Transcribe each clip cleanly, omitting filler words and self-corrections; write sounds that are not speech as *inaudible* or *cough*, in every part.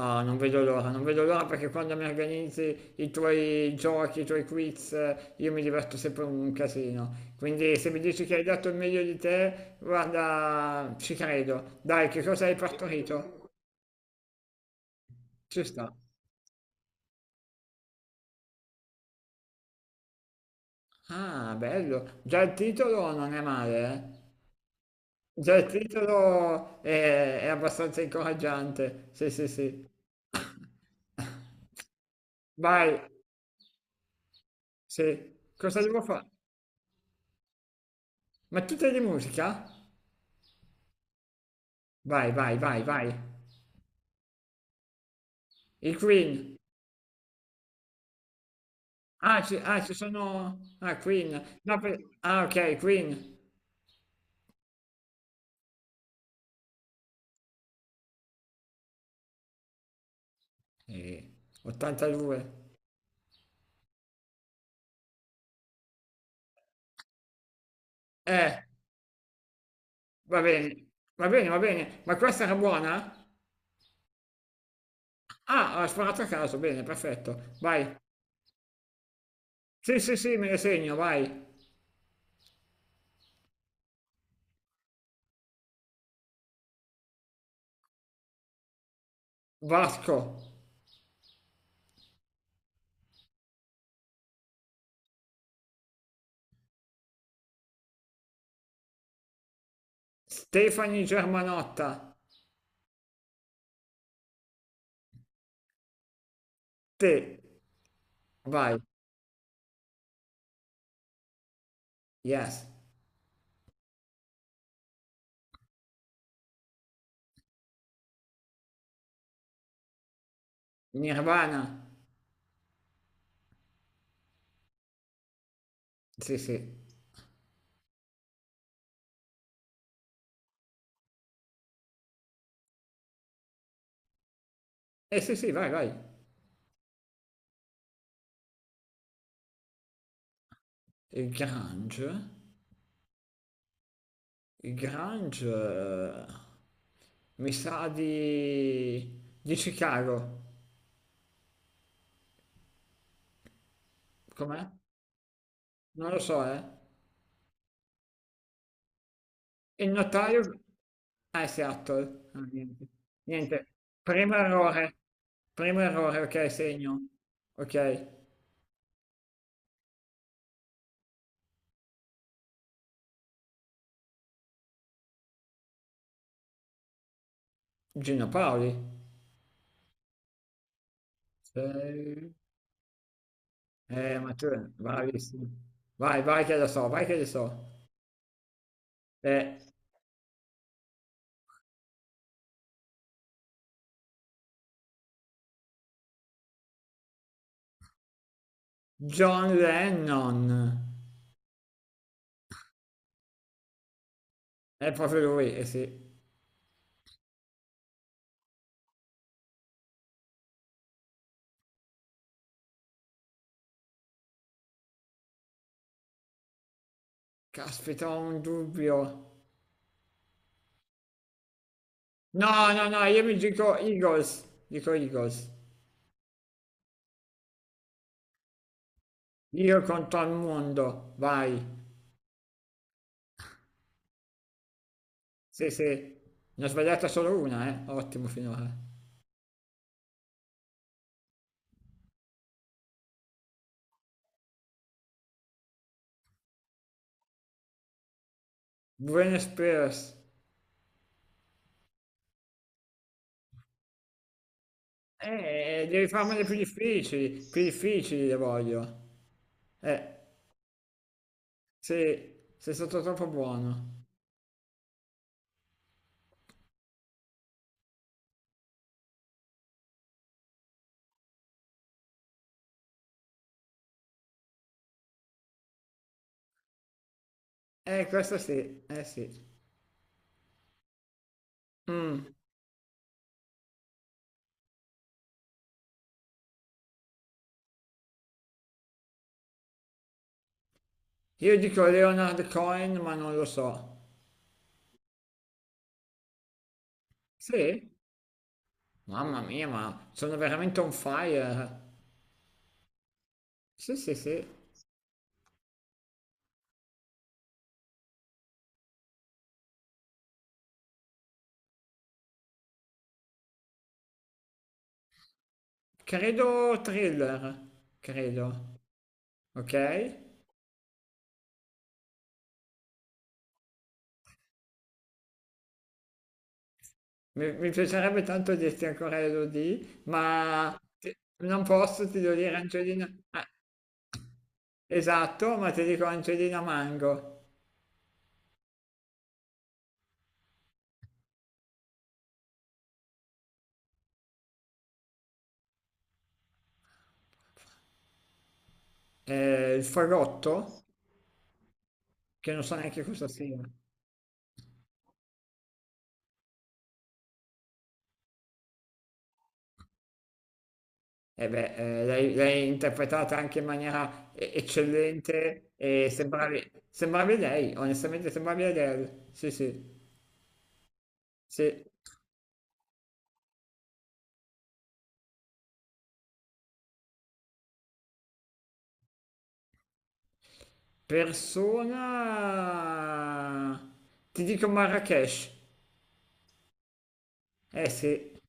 Ah, non vedo l'ora, non vedo l'ora perché quando mi organizzi i tuoi giochi, i tuoi quiz, io mi diverto sempre un casino. Quindi se mi dici che hai dato il meglio di te, guarda, ci credo. Dai, che cosa hai partorito? Ci sta. Ah, bello. Già il titolo non è male, eh? Già il titolo è abbastanza incoraggiante. Sì, sì, sì. *laughs* Vai, sì. Cosa devo fare? Ma tu te di musica? Vai, vai, vai, vai. Il Queen. Ah, ci sono. Ah, Queen. No, Ah, ok, Queen. Eh, 82. Eh, va bene. Va bene, va bene. Ma questa era buona? Ah, ha sparato a caso. Bene, perfetto. Vai. Sì, sì, sì, me le segno, vai. Vasco. Stefani Germanotta. Te. Vai. Yes. Nirvana. Sì, sì. Sì, sì, vai, vai. Il Grange? Il Grange. Mi sa di Chicago. Com'è? Non lo so, eh. Il notaio. Ah, è Seattle. Ah, niente. Niente. Primo errore. Primo errore, ok, segno. Ok. Gino Paoli. Sei- ma tu. Bravissimo. Vai, vai che lo so, vai che lo so. Eh, John Lennon. È proprio lui, eh sì. Caspita, ho un dubbio. No, no, no, io mi dico Eagles. Dico Eagles. Io conto al mondo, vai. Sì, sì, ne ho sbagliata solo una, eh. Ottimo finora. Buenos Aires. Devi farmele più difficili le voglio. Eh, sì, sei stato troppo buono. Questo sì, eh sì. Mm, Io dico Leonard Cohen, ma non lo so. Sì? Mamma mia, ma sono veramente on fire. Sì, sì, sì. Credo thriller, credo. Ok? Mi piacerebbe tanto dirti ancora Elodie, ma non posso, ti devo dire Angelina. Ah, esatto, ma ti dico Angelina Mango. Il fagotto, che non so neanche cosa sia. E beh, l'hai interpretata anche in maniera eccellente e sembravi lei, onestamente sembravi Adele. Sì, sì, sì. Persona. Ti dico Marrakesh. Eh sì.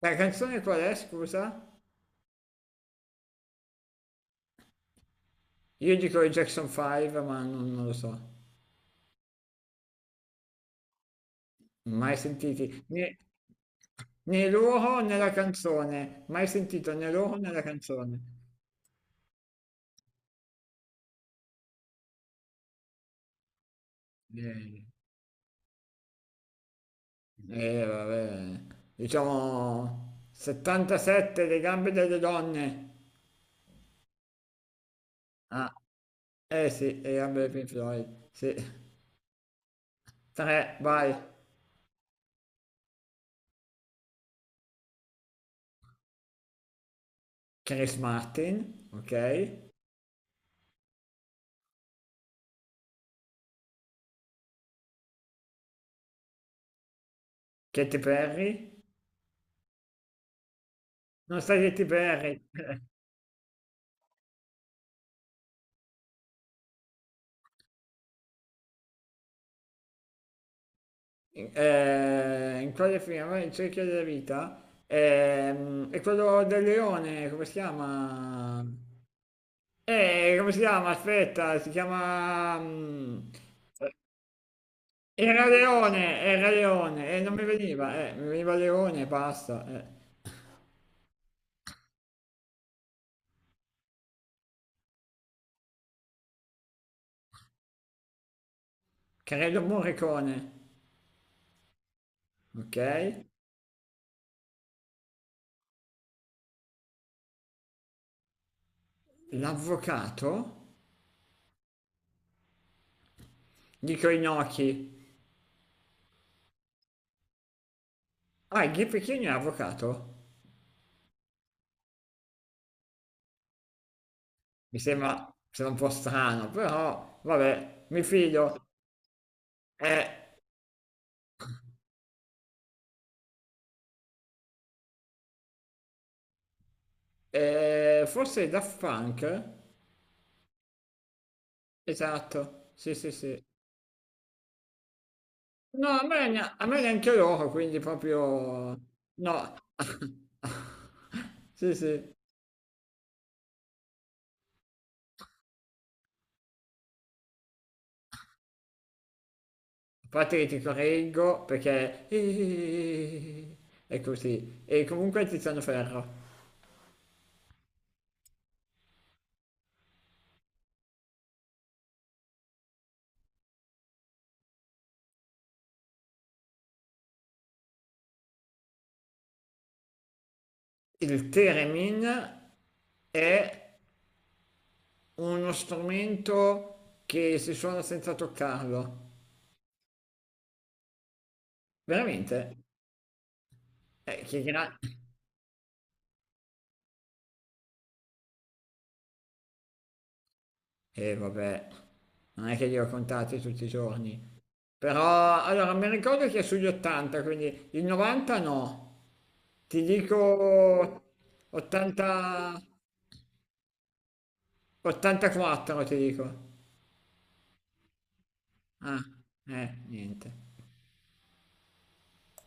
La canzone qual è, scusa? Io dico i Jackson 5, ma non lo so. Mai sentiti né loro né la canzone. Mai sentito né loro né la canzone. Eh, vabbè. Diciamo 77, le gambe delle donne. Ah, eh sì, le gambe dei Pink Floyd. Sì. 3, vai. Chris Martin, ok. Katy Perry. Non sai Katy Perry. In quale film? In cerchio della vita? È quello del leone, come si chiama? Come si chiama? Aspetta, si chiama. Era leone, e non mi veniva, mi veniva leone e basta. Credo Morricone, ok? L'avvocato? Dico Inoki. Ah, il Pechino è avvocato? Mi sembra un po' strano, però vabbè, mi fido. Eh, Forse Daft Punk? Esatto, sì, sì, sì. No, a me neanche loro, quindi proprio. No. *laughs* Sì, sì. A parte che ti correggo perché. *laughs* È così. E comunque Tiziano Ferro. Il Teremin è uno strumento che si suona senza toccarlo. Veramente? Eh, che gra- vabbè, non è che li ho contati tutti i giorni. Però allora mi ricordo che è sugli 80, quindi il 90 no. Ti dico 80, 84, ti dico. Ah, niente.